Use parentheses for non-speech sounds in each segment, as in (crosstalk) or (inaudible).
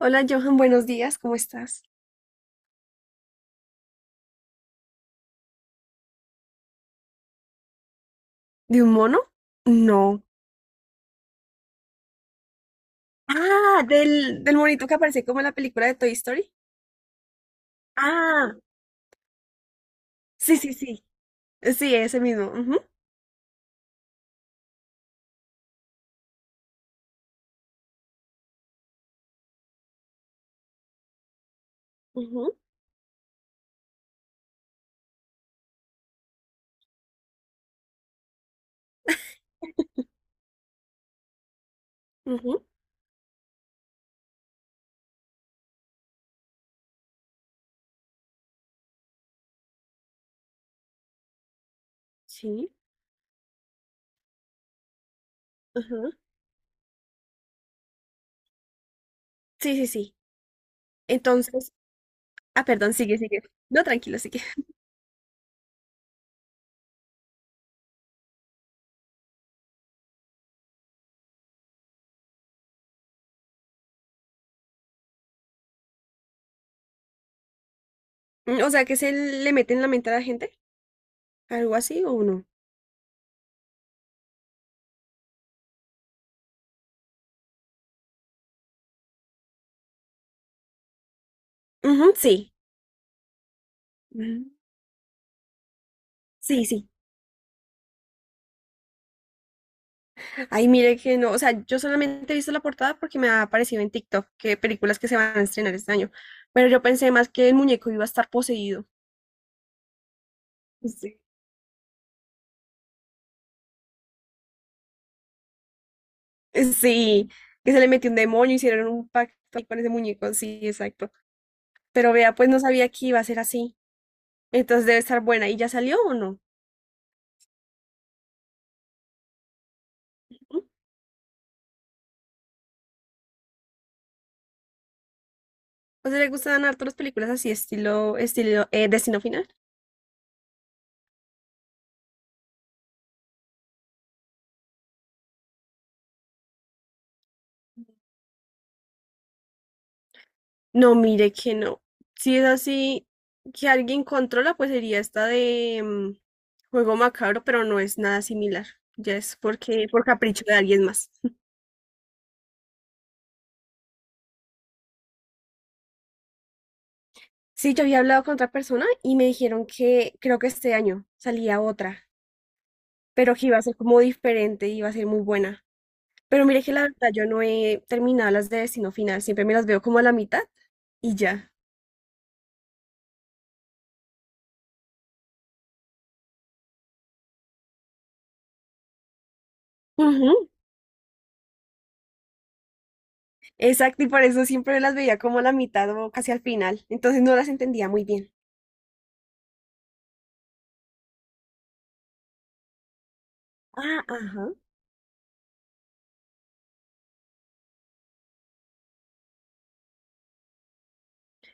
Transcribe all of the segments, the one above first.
Hola Johan, buenos días, ¿cómo estás? ¿De un mono? No. Ah, del monito que aparece como en la película de Toy Story. Ah, sí, sí, sí. Sí, ese mismo. Ujú, ujú, ujú, sí, ujú. Sí, sí, sí. Entonces, ah, perdón, sigue, sigue. No, tranquilo, sigue. Mm, o sea, que se le mete en la mente a la gente, algo así o no. Ujú, sí. Ujú. Sí, sí. Ay, mire que no, o sea, yo solamente he visto la portada porque me ha aparecido en TikTok que películas que se van a estrenar este año, pero yo pensé más que el muñeco iba a estar poseído. Sí. Sí, que se le metió un demonio, hicieron un pacto ahí con ese muñeco, sí, exacto. Pero vea, pues no sabía que iba a ser así, entonces debe estar buena. ¿Y ya salió o no? ¿Mm? O sea, le gustan harto las películas así, estilo, estilo, Destino Final. No, mire que no. Si es así, que alguien controla, pues sería esta de Juego Macabro, pero no es nada similar. Ya es porque por capricho de alguien más. (laughs) Sí, yo había hablado con otra persona y me dijeron que creo que este año salía otra, pero que iba a ser como diferente, y iba a ser muy buena. Pero mire que la verdad yo no he terminado las de Destino Final, siempre me las veo como a la mitad y ya. Ujú, exacto, y por eso siempre me las veía como a la mitad o casi al final, entonces no las entendía muy bien. Ah, ajá.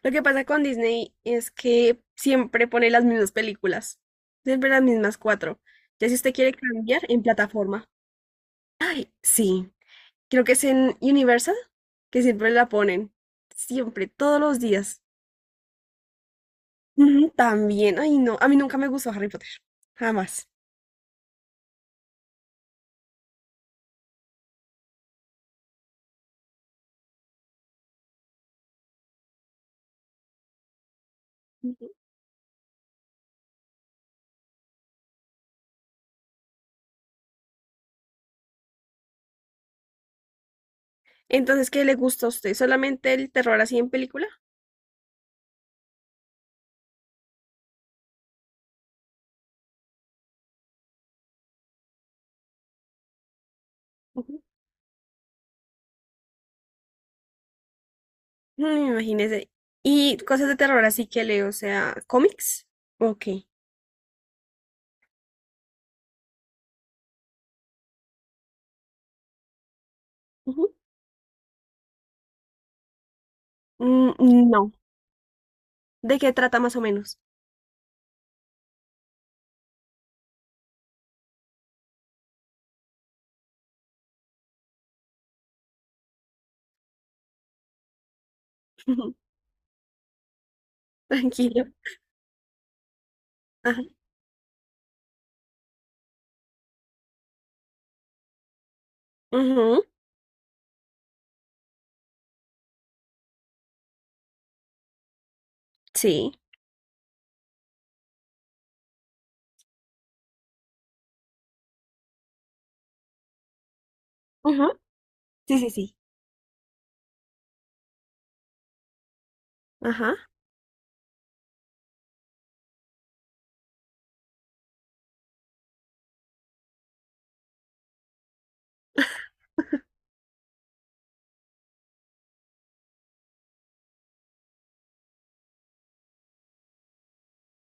Lo que pasa con Disney es que siempre pone las mismas películas, siempre las mismas cuatro. Ya si usted quiere cambiar, en plataforma. Ay, sí. Creo que es en Universal, que siempre la ponen. Siempre, todos los días. Ujú, también, ay no, a mí nunca me gustó Harry Potter, jamás. Ujú. Entonces, ¿qué le gusta a usted? ¿Solamente el terror así en película? Mm, imagínese. Y cosas de terror, así que leo, o sea, cómics. Ok. Ujú. Mm, no. ¿De qué trata más o menos? (laughs) Tranquilo. Ajá. Ujú. Sí. Ajá. Sí, sí, sí. Ajá.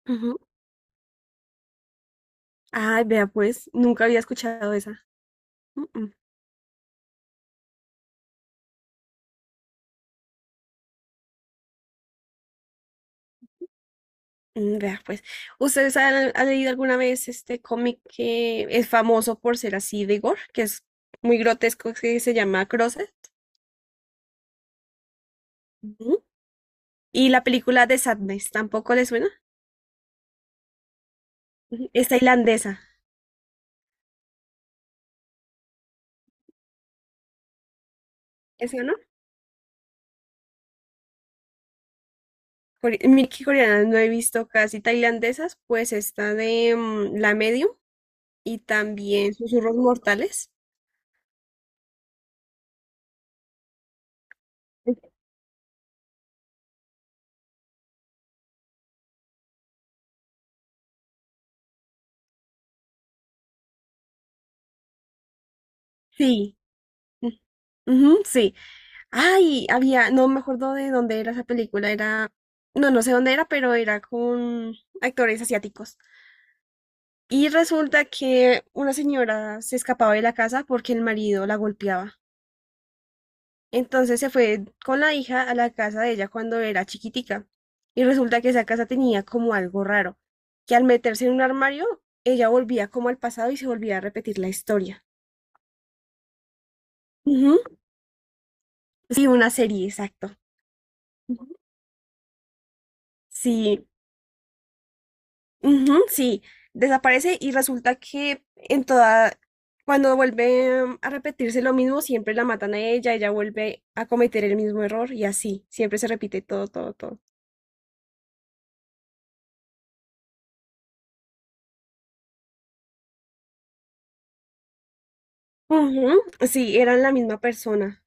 Ujú. Ay, vea pues, nunca había escuchado esa. Mm, mm. Mm, vea pues, ¿ustedes han leído alguna vez este cómic que es famoso por ser así de gore, que es muy grotesco, que se llama Crosset? Ujú. Y la película de Sadness, ¿tampoco les suena? Ujú, es tailandesa, ¿esa no? Core- Mira coreanas no he visto casi tailandesas, pues está de La Medium y también Susurros Mortales. Sí. Mm, ujú, sí. Ay, había, no me acuerdo de dónde era esa película, era, no, no sé dónde era, pero era con actores asiáticos. Y resulta que una señora se escapaba de la casa porque el marido la golpeaba. Entonces se fue con la hija a la casa de ella cuando era chiquitica. Y resulta que esa casa tenía como algo raro, que al meterse en un armario, ella volvía como al pasado y se volvía a repetir la historia. Ujú, sí, una serie, exacto. Sí, ujú, sí, desaparece y resulta que en toda, cuando vuelve a repetirse lo mismo, siempre la matan a ella, ella vuelve a cometer el mismo error y así, siempre se repite todo, todo, todo. Ujú, sí, eran la misma persona.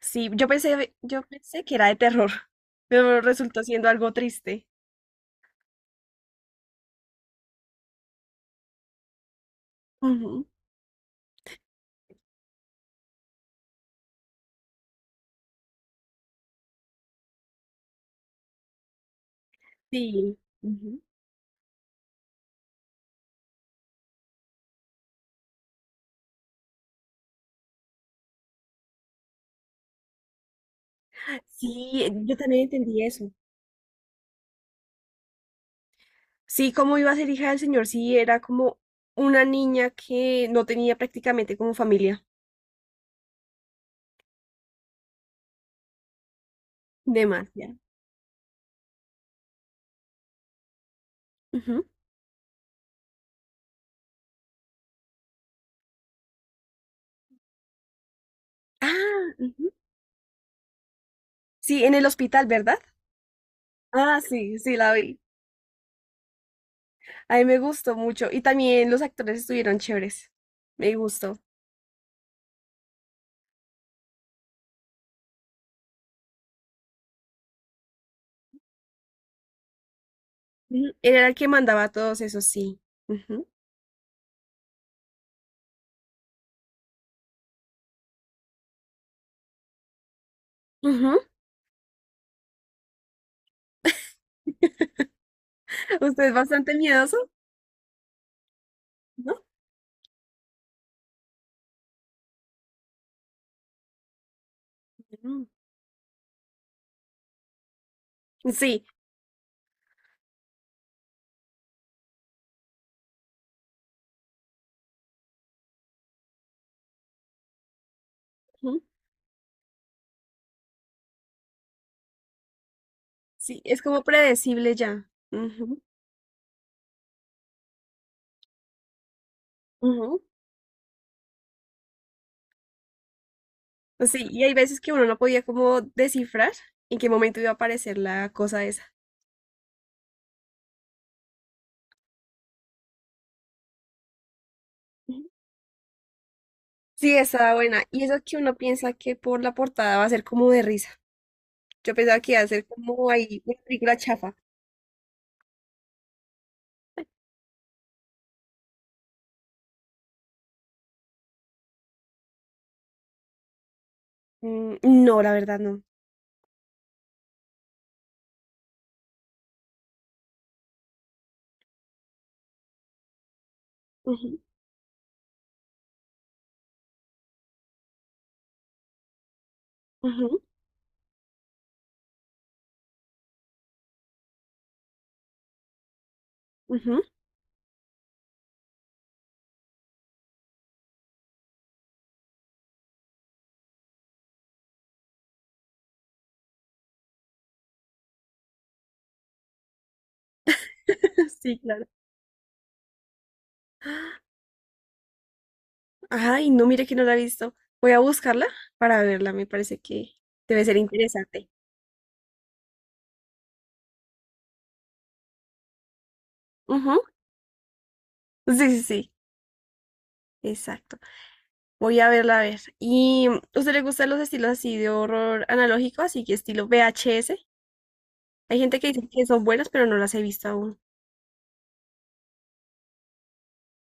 Sí, yo pensé que era de terror, (laughs) pero resultó siendo algo triste. Ujú. Sí, ujú. Sí, yo también entendí eso. Sí, como iba a ser hija del Señor, sí, era como una niña que no tenía prácticamente como familia. Demasiado. Ujú. Ah, ujú. Sí, en el hospital, ¿verdad? Ah, sí, sí, la vi. A mí me gustó mucho. Y también los actores estuvieron chéveres. Me gustó. Ujú. Era el que mandaba a todos esos, sí. Ujú. Ujú. ¿Usted es bastante miedoso? ¿No? Mm, sí, ujú, sí, es como predecible ya. Ujú, ujú. Sí, y hay veces que uno no podía como descifrar en qué momento iba a aparecer la cosa esa. Ujú. Sí, estaba buena. Y eso que uno piensa que por la portada va a ser como de risa. Yo pensaba que iba a ser como ahí una película chafa. Mm, no, la verdad no. Ujú, ujú, ujú. (laughs) Sí, claro. Ay, no, mire que no la he visto. Voy a buscarla para verla, me parece que debe ser interesante. Ujú. Sí, sí, sí. Exacto. Voy a verla a ver. ¿Y usted le gustan los estilos así de horror analógico, así que estilo VHS? Hay gente que dice que son buenas, pero no las he visto aún.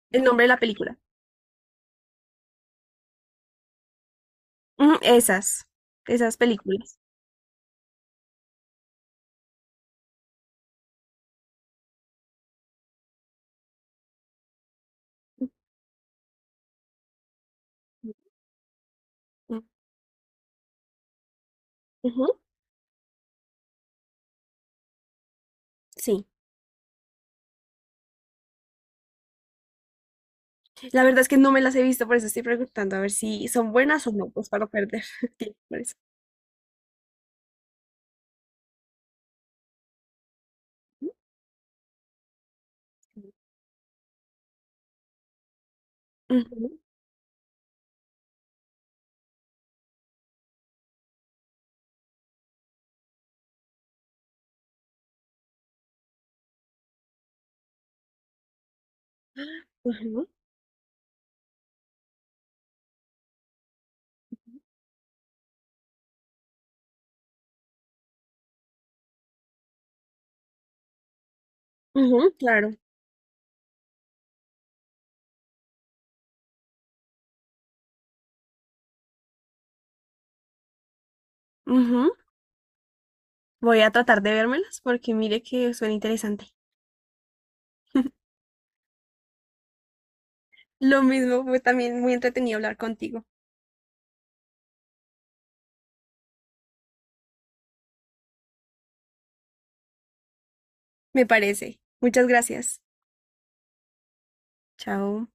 El nombre de la película. Ujú, esas, esas películas. Ujú, ujú, sí. La verdad es que no me las he visto, por eso estoy preguntando a ver si son buenas o no, pues para no perder (laughs) tiempo. Por eso. Ujú, ujú, ujú, claro. Ujú. Voy a tratar de vérmelas porque mire que suena interesante. Lo mismo, fue también muy entretenido hablar contigo. Me parece. Muchas gracias. Chao.